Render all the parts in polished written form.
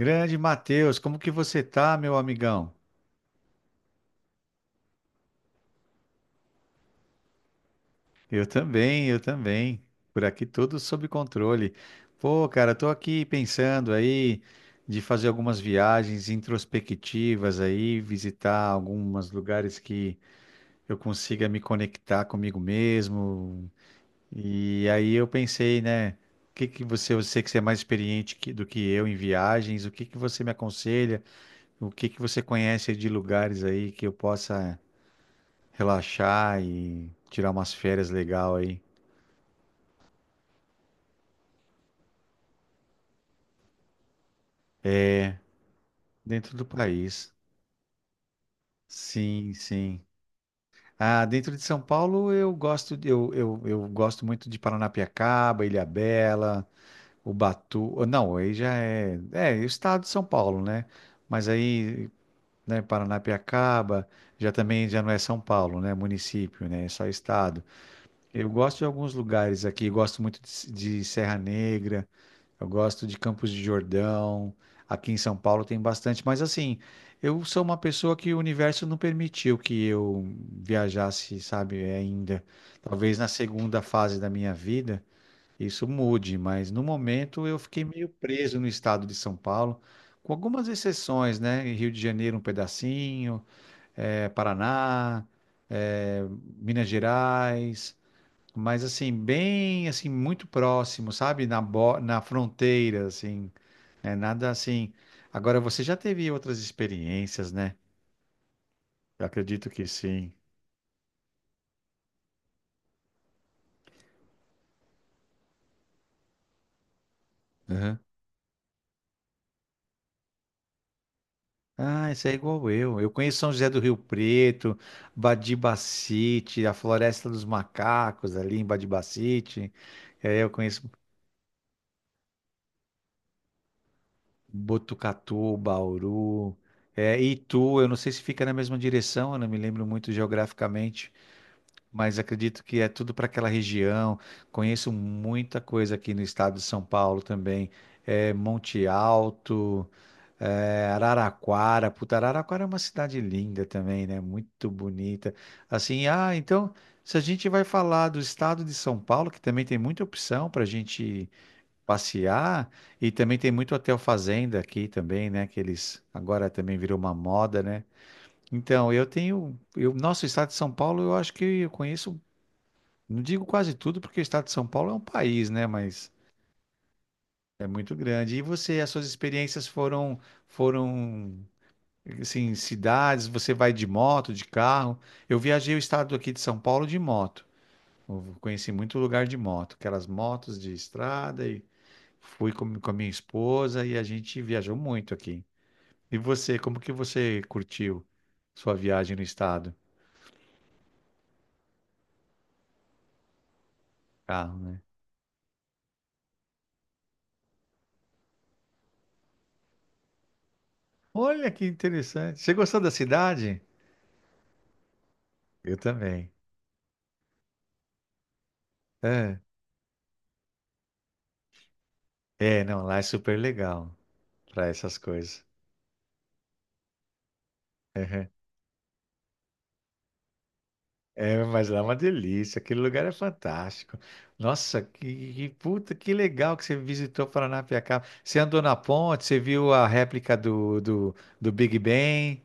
Grande Matheus, como que você tá, meu amigão? Eu também, eu também. Por aqui tudo sob controle. Pô, cara, tô aqui pensando aí de fazer algumas viagens introspectivas aí, visitar alguns lugares que eu consiga me conectar comigo mesmo. E aí eu pensei, né, o que que você, eu sei que você é mais experiente do que eu em viagens, o que que você me aconselha? O que que você conhece de lugares aí que eu possa relaxar e tirar umas férias legal aí dentro do país. Sim, sim. Ah, dentro de São Paulo eu gosto eu gosto muito de Paranapiacaba, Ilhabela, Ubatu. Não, aí já é, é o estado de São Paulo, né? Mas aí, né, Paranapiacaba já também já não é São Paulo, né? Município, né? É só estado. Eu gosto de alguns lugares aqui, gosto muito de Serra Negra, eu gosto de Campos de Jordão, aqui em São Paulo tem bastante, mas assim, eu sou uma pessoa que o universo não permitiu que eu viajasse, sabe, é, ainda. Talvez na segunda fase da minha vida isso mude, mas no momento eu fiquei meio preso no estado de São Paulo, com algumas exceções, né? Em Rio de Janeiro um pedacinho, Paraná, eh, Minas Gerais, mas assim, bem assim, muito próximo, sabe? Na fronteira, assim, né? Nada assim. Agora, você já teve outras experiências, né? Eu acredito que sim. Aham. Ah, isso é igual eu. Eu conheço São José do Rio Preto, Badibacite, a Floresta dos Macacos ali em Badibacite. É, eu conheço Botucatu, Bauru, é, Itu. Eu não sei se fica na mesma direção, eu não me lembro muito geograficamente, mas acredito que é tudo para aquela região. Conheço muita coisa aqui no estado de São Paulo também. É, Monte Alto, é, Araraquara. Puta, Araraquara é uma cidade linda também, né? Muito bonita. Assim, ah, então, se a gente vai falar do estado de São Paulo, que também tem muita opção para a gente passear, e também tem muito hotel fazenda aqui também, né? Que eles agora também virou uma moda, né? Então, eu tenho, eu, nosso estado de São Paulo, eu acho que eu conheço, não digo quase tudo, porque o estado de São Paulo é um país, né? Mas é muito grande. E você, as suas experiências foram, foram, assim, cidades, você vai de moto, de carro. Eu viajei o estado aqui de São Paulo de moto. Eu conheci muito lugar de moto, aquelas motos de estrada, e fui com a minha esposa e a gente viajou muito aqui. E você, como que você curtiu sua viagem no estado? Carro, né? Olha que interessante. Você gostou da cidade? Eu também. É. É, não, lá é super legal pra essas coisas. Uhum. É, mas lá é uma delícia, aquele lugar é fantástico. Nossa, puta, que legal que você visitou Paranapiacaba. Você andou na ponte, você viu a réplica do, do Big Ben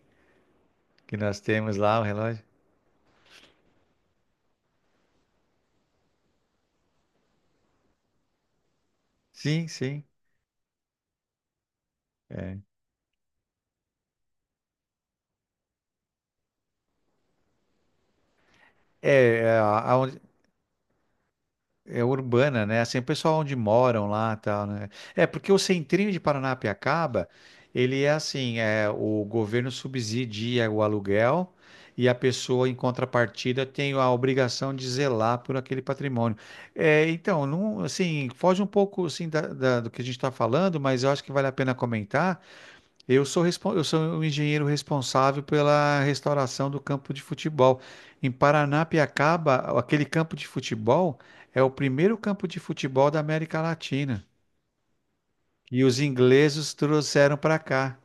que nós temos lá, o relógio? Sim, sim. É, é urbana, né? Assim, o pessoal onde moram lá, e tal, né? É porque o centrinho de Paranapiacaba, ele é assim, é o governo subsidia o aluguel e a pessoa em contrapartida tem a obrigação de zelar por aquele patrimônio. É, então, não, assim, foge um pouco assim do que a gente está falando, mas eu acho que vale a pena comentar. Eu sou, eu sou o engenheiro responsável pela restauração do campo de futebol. Em Paranapiacaba, aquele campo de futebol é o primeiro campo de futebol da América Latina. E os ingleses trouxeram para cá.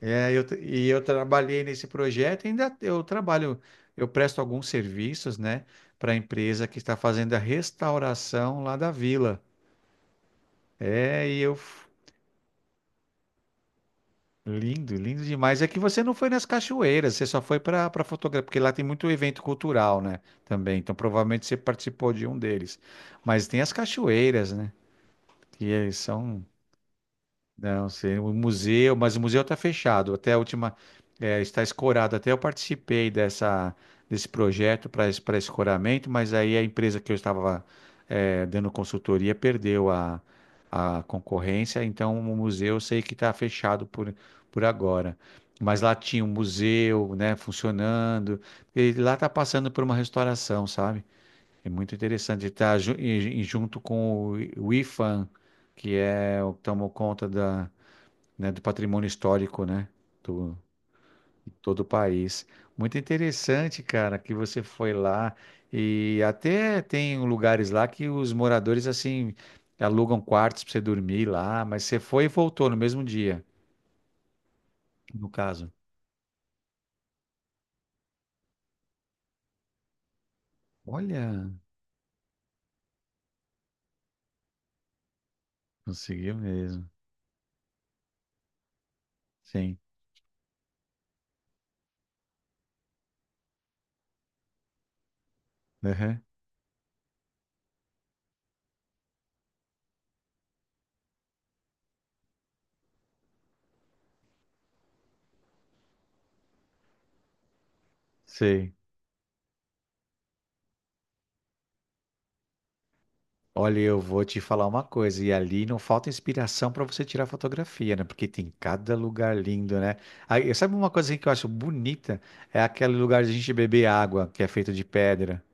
É, e eu trabalhei nesse projeto, ainda eu trabalho, eu presto alguns serviços, né, para a empresa que está fazendo a restauração lá da vila. É, e eu Lindo, lindo demais. É que você não foi nas cachoeiras, você só foi para fotografia, porque lá tem muito evento cultural, né? Também. Então provavelmente você participou de um deles. Mas tem as cachoeiras, né? Que são, não sei, o museu, mas o museu está fechado. Até a última, está escorado. Até eu participei dessa, desse projeto para escoramento, mas aí a empresa que eu estava, dando consultoria, perdeu a, concorrência, então o museu eu sei que está fechado por agora. Mas lá tinha um museu, né, funcionando. E lá está passando por uma restauração, sabe? É muito interessante. Está junto com o o IFAM, que é o que tomou conta da, né, do patrimônio histórico, né, do, de todo o país. Muito interessante, cara, que você foi lá, e até tem lugares lá que os moradores, assim, alugam quartos para você dormir lá, mas você foi e voltou no mesmo dia, no caso. Olha, conseguiu mesmo. Sim. Aham. Sei. Olha, eu vou te falar uma coisa, e ali não falta inspiração para você tirar fotografia, né? Porque tem cada lugar lindo, né? Aí, sabe uma coisa que eu acho bonita? É aquele lugar de a gente beber água, que é feito de pedra.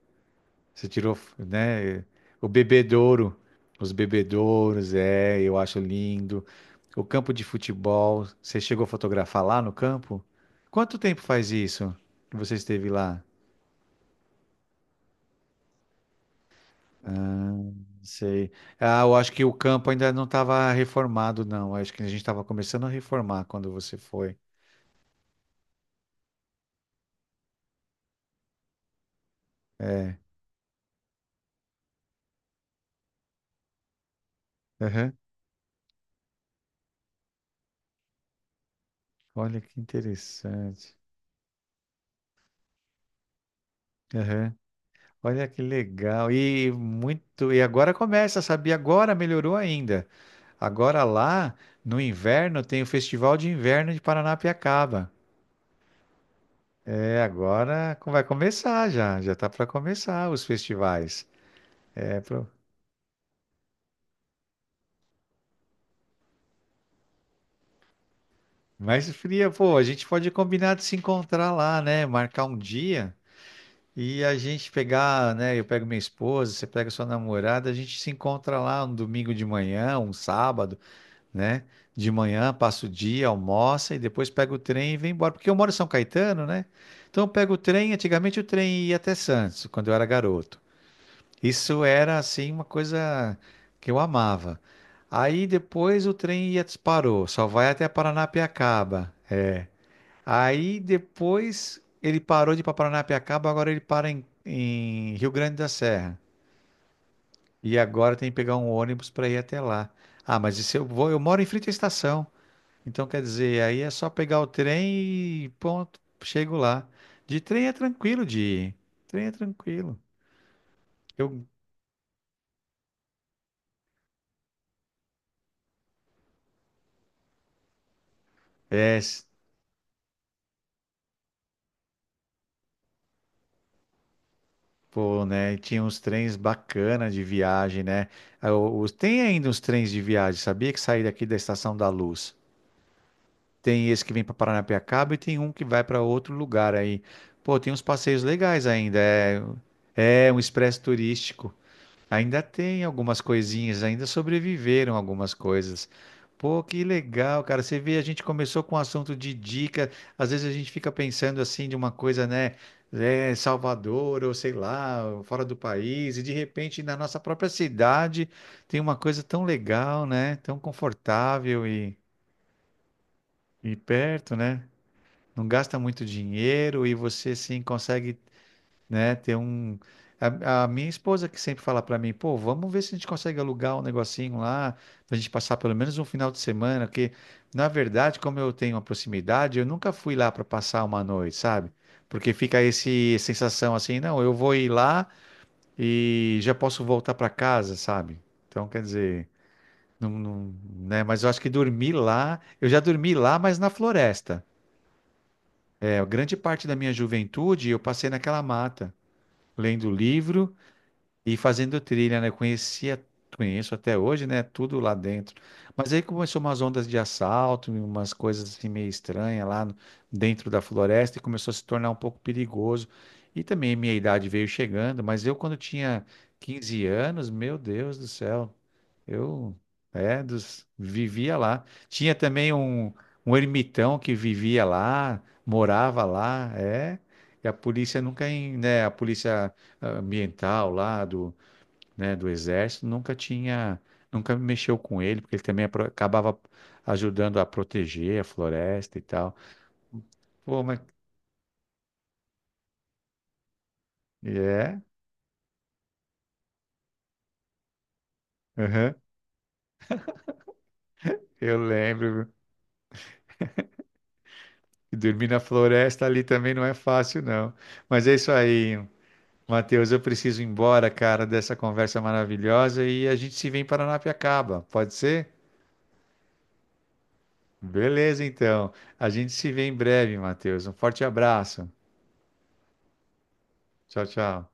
Você tirou, né? O bebedouro, os bebedouros, é, eu acho lindo. O campo de futebol, você chegou a fotografar lá no campo? Quanto tempo faz isso que você esteve lá? Sei. Ah, eu acho que o campo ainda não estava reformado, não. Acho que a gente estava começando a reformar quando você foi. Aham. Olha que interessante. Aham. Olha que legal. E muito. E agora começa, sabia? Agora melhorou ainda. Agora lá, no inverno, tem o Festival de Inverno de Paranapiacaba. É, agora vai começar já. Já tá para começar os festivais. É, pro... Mas fria, pô, a gente pode combinar de se encontrar lá, né? Marcar um dia. E a gente pegar, né? Eu pego minha esposa, você pega sua namorada, a gente se encontra lá um domingo de manhã, um sábado, né? De manhã, passa o dia, almoça e depois pega o trem e vem embora. Porque eu moro em São Caetano, né? Então eu pego o trem, antigamente o trem ia até Santos, quando eu era garoto. Isso era, assim, uma coisa que eu amava. Aí depois o trem ia, parou, só vai até Paranapiacaba. Aí depois ele parou de ir para Paranapiacaba, agora ele para em Rio Grande da Serra. E agora tem que pegar um ônibus para ir até lá. Ah, mas e se eu vou, eu moro em frente à estação. Então quer dizer, aí é só pegar o trem e ponto, chego lá. De trem é tranquilo de ir. Trem é tranquilo. Eu é, s- pô, né, tinha uns trens bacanas de viagem, né? Ah, tem ainda uns trens de viagem, sabia, que saí daqui da Estação da Luz. Tem esse que vem para Paranapiacaba e tem um que vai para outro lugar aí. Pô, tem uns passeios legais ainda. É, é um expresso turístico. Ainda tem algumas coisinhas, ainda sobreviveram algumas coisas. Pô, que legal, cara. Você vê, a gente começou com um assunto de dica. Às vezes a gente fica pensando assim de uma coisa, né? É, Salvador, ou sei lá, fora do país, e de repente na nossa própria cidade tem uma coisa tão legal, né? Tão confortável e, perto, né? Não gasta muito dinheiro e você sim consegue, né, ter um. A minha esposa que sempre fala pra mim, pô, vamos ver se a gente consegue alugar um negocinho lá, pra gente passar pelo menos um final de semana, porque na verdade, como eu tenho uma proximidade, eu nunca fui lá pra passar uma noite, sabe? Porque fica esse sensação assim, não, eu vou ir lá e já posso voltar pra casa, sabe? Então, quer dizer, não, não, né? Mas eu acho que dormir lá, eu já dormi lá, mas na floresta. É, grande parte da minha juventude eu passei naquela mata, lendo livro e fazendo trilha, né? Eu conheço até hoje, né? Tudo lá dentro. Mas aí começou umas ondas de assalto, umas coisas assim meio estranhas lá dentro da floresta, e começou a se tornar um pouco perigoso. E também minha idade veio chegando, mas eu quando tinha 15 anos, meu Deus do céu, eu vivia lá. Tinha também um ermitão que vivia lá, morava lá, é. E a polícia nunca, né? A polícia ambiental lá do, né, do exército, nunca tinha, nunca mexeu com ele, porque ele também acabava ajudando a proteger a floresta e tal. Pô, mas é, aham, eu lembro. E dormir na floresta ali também não é fácil, não. Mas é isso aí, Matheus. Eu preciso ir embora, cara, dessa conversa maravilhosa, e a gente se vê em Paranapiacaba, pode ser? Beleza, então. A gente se vê em breve, Matheus. Um forte abraço. Tchau, tchau.